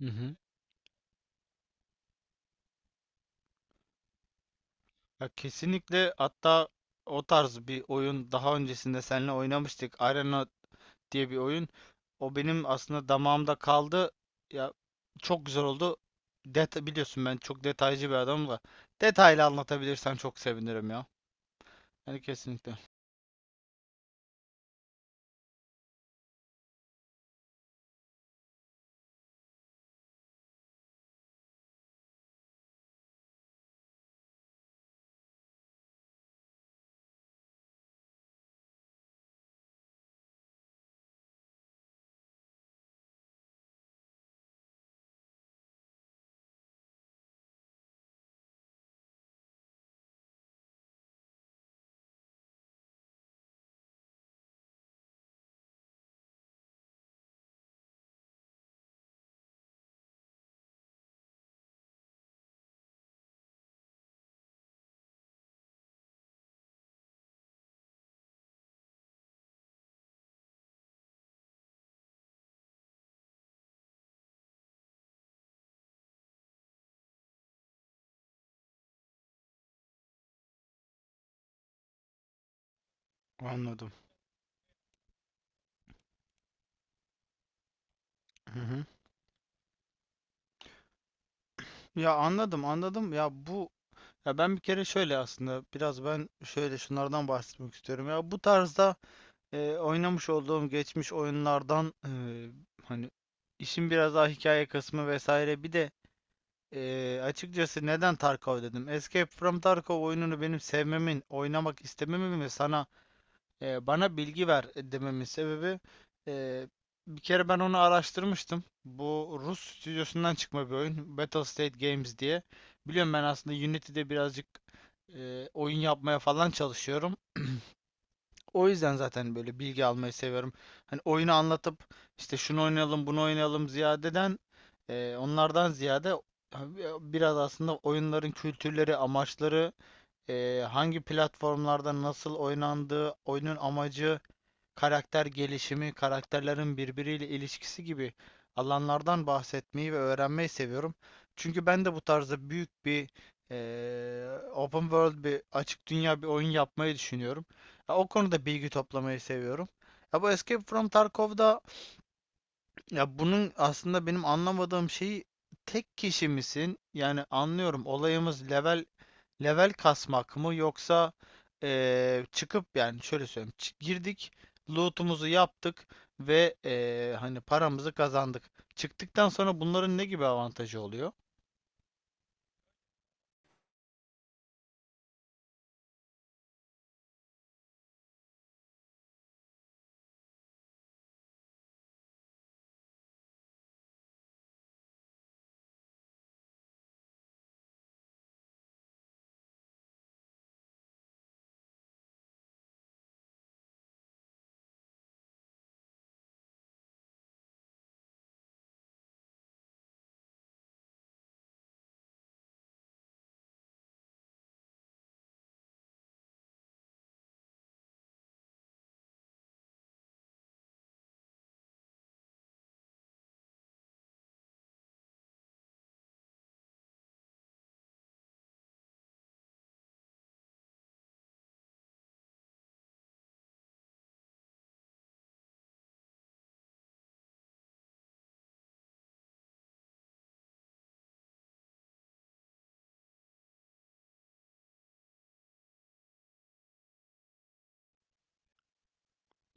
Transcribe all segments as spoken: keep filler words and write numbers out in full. Hı hı. Ya kesinlikle hatta o tarz bir oyun daha öncesinde seninle oynamıştık. Arena diye bir oyun. O benim aslında damağımda kaldı. Ya çok güzel oldu. Det biliyorsun ben çok detaycı bir adamım da. Detaylı anlatabilirsen çok sevinirim ya. Yani kesinlikle. Anladım. Hı hı. Ya anladım, anladım. Ya bu Ya ben bir kere şöyle aslında biraz ben şöyle şunlardan bahsetmek istiyorum. Ya bu tarzda e, oynamış olduğum geçmiş oyunlardan e, hani işin biraz daha hikaye kısmı vesaire bir de e, açıkçası neden Tarkov dedim. Escape from Tarkov oyununu benim sevmemin, oynamak istememin ve sana e, bana bilgi ver dememin sebebi e, bir kere ben onu araştırmıştım. Bu Rus stüdyosundan çıkma bir oyun. Battle State Games diye. Biliyorum ben aslında Unity'de birazcık e, oyun yapmaya falan çalışıyorum. O yüzden zaten böyle bilgi almayı seviyorum. Hani oyunu anlatıp işte şunu oynayalım, bunu oynayalım ziyadeden e, onlardan ziyade biraz aslında oyunların kültürleri, amaçları, e, hangi platformlarda nasıl oynandığı, oyunun amacı, karakter gelişimi, karakterlerin birbiriyle ilişkisi gibi alanlardan bahsetmeyi ve öğrenmeyi seviyorum. Çünkü ben de bu tarzda büyük bir eee, open world bir açık dünya bir oyun yapmayı düşünüyorum. Ya, o konuda bilgi toplamayı seviyorum. Ya bu Escape from Tarkov'da, ya bunun aslında benim anlamadığım şeyi tek kişi misin? Yani anlıyorum olayımız level Level kasmak mı yoksa eee, çıkıp yani şöyle söyleyeyim çı- girdik, loot'umuzu yaptık ve eee, hani paramızı kazandık. Çıktıktan sonra bunların ne gibi avantajı oluyor?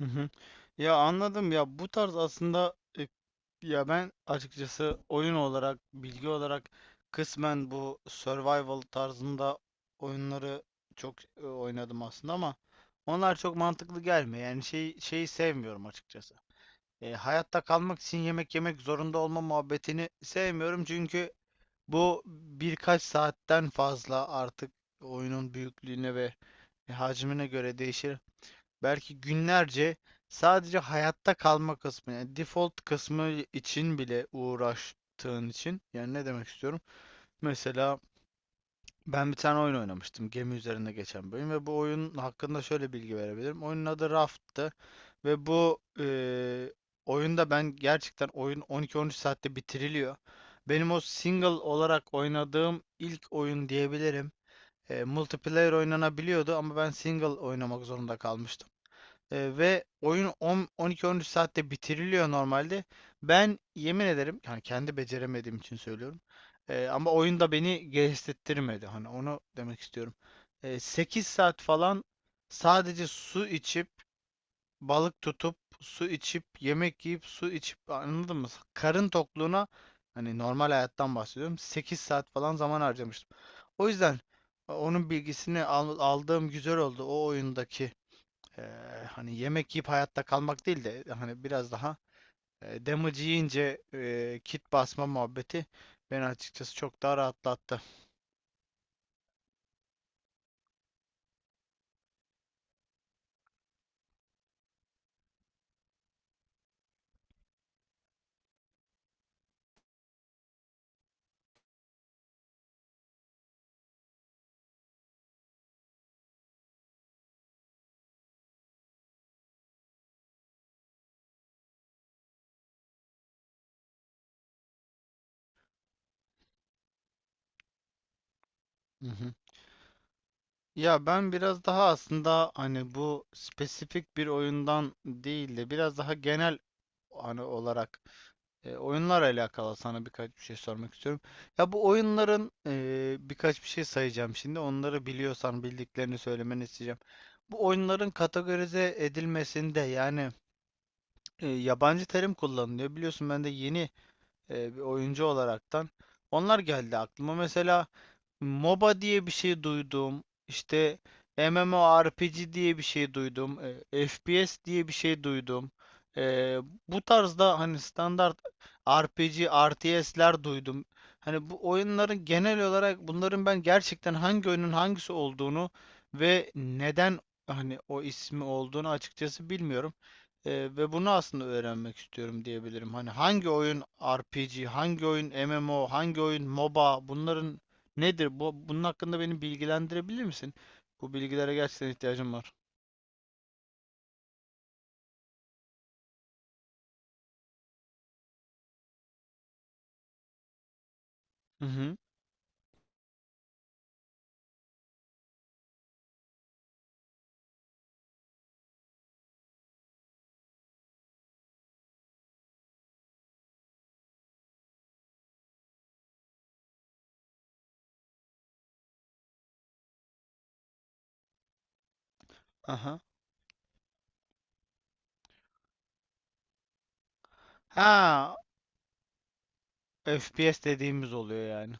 Hı hı. Ya anladım, ya bu tarz aslında, e, ya ben açıkçası oyun olarak bilgi olarak kısmen bu survival tarzında oyunları çok e, oynadım aslında ama onlar çok mantıklı gelmiyor. Yani şey şeyi sevmiyorum açıkçası. E, hayatta kalmak için yemek yemek zorunda olma muhabbetini sevmiyorum çünkü bu birkaç saatten fazla artık oyunun büyüklüğüne ve hacmine göre değişir. Belki günlerce sadece hayatta kalma kısmı, yani default kısmı için bile uğraştığın için, yani ne demek istiyorum? Mesela ben bir tane oyun oynamıştım. Gemi üzerinde geçen bir oyun ve bu oyun hakkında şöyle bilgi verebilirim. Oyunun adı Raft'tı ve bu eee, oyunda, ben gerçekten oyun on iki on üç saatte bitiriliyor. Benim o single olarak oynadığım ilk oyun diyebilirim. Eee, multiplayer oynanabiliyordu ama ben single oynamak zorunda kalmıştım. Ee, ve oyun on on iki on üç saatte bitiriliyor normalde. Ben yemin ederim, yani kendi beceremediğim için söylüyorum. Ee, ama oyun da beni gevşetirmedi. Hani onu demek istiyorum. Ee, sekiz saat falan sadece su içip, balık tutup, su içip, yemek yiyip, su içip, anladın mı? Karın tokluğuna, hani normal hayattan bahsediyorum. sekiz saat falan zaman harcamıştım. O yüzden e, onun bilgisini al- aldığım güzel oldu o oyundaki. eee, Hani yemek yiyip hayatta kalmak değil de hani biraz daha eee damage yiyince eee, kit basma muhabbeti beni açıkçası çok daha rahatlattı. Hı hı. Ya ben biraz daha aslında, hani bu spesifik bir oyundan değil de biraz daha genel hani olarak, e, oyunlar alakalı sana birkaç bir şey sormak istiyorum. Ya bu oyunların, e, birkaç bir şey sayacağım şimdi. Onları biliyorsan bildiklerini söylemeni isteyeceğim. Bu oyunların kategorize edilmesinde yani e, yabancı terim kullanılıyor. Biliyorsun, ben de yeni e, bir oyuncu olaraktan, onlar geldi aklıma. Mesela MOBA diye bir şey duydum. İşte M M O R P G diye bir şey duydum. e, F P S diye bir şey duydum. E, Bu tarzda hani standart R P G, R T S'ler duydum. Hani bu oyunların genel olarak, bunların ben gerçekten hangi oyunun hangisi olduğunu ve neden hani o ismi olduğunu açıkçası bilmiyorum. Ee, Ve bunu aslında öğrenmek istiyorum diyebilirim. Hani hangi oyun R P G, hangi oyun M M O, hangi oyun MOBA, bunların nedir? Bu, bunun hakkında beni bilgilendirebilir misin? Bu bilgilere gerçekten ihtiyacım var. Hı hı. Aha. Ha, F P S dediğimiz oluyor yani.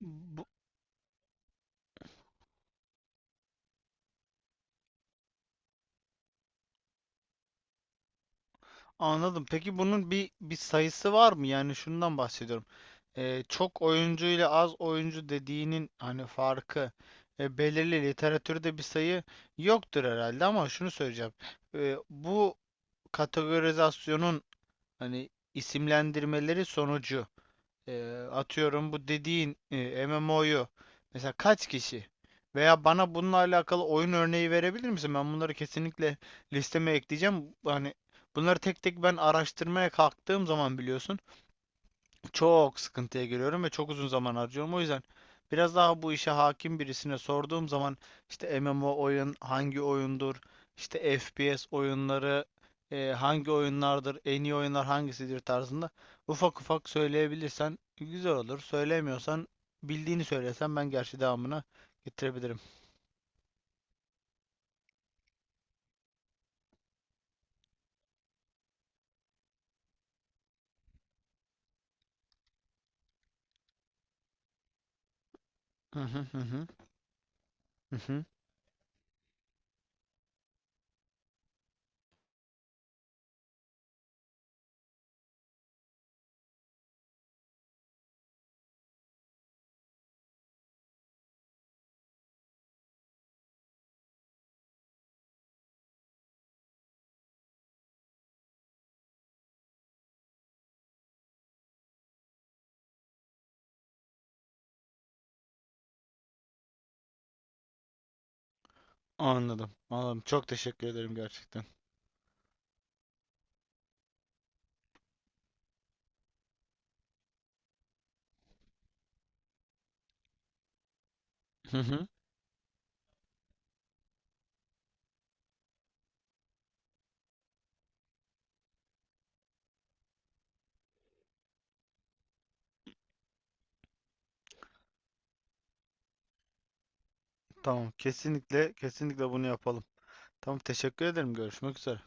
Bu, Anladım. Peki bunun bir bir sayısı var mı? Yani şundan bahsediyorum. Ee, çok oyuncu ile az oyuncu dediğinin hani farkı, e, belirli literatürde bir sayı yoktur herhalde ama şunu söyleyeceğim. Ee, bu kategorizasyonun, hani isimlendirmeleri sonucu, e, atıyorum bu dediğin M M O'yu mesela kaç kişi, veya bana bununla alakalı oyun örneği verebilir misin? Ben bunları kesinlikle listeme ekleyeceğim. Hani bunları tek tek ben araştırmaya kalktığım zaman biliyorsun, çok sıkıntıya giriyorum ve çok uzun zaman harcıyorum. O yüzden biraz daha bu işe hakim birisine sorduğum zaman, işte M M O oyun hangi oyundur, işte F P S oyunları e, hangi oyunlardır, en iyi oyunlar hangisidir tarzında ufak ufak söyleyebilirsen güzel olur. Söylemiyorsan bildiğini söylesen, ben gerçi devamını getirebilirim. Hı hı hı hı. Hı hı. Anladım. Anladım. Çok teşekkür ederim gerçekten. Hı hı. Tamam. Kesinlikle kesinlikle bunu yapalım. Tamam. Teşekkür ederim. Görüşmek üzere.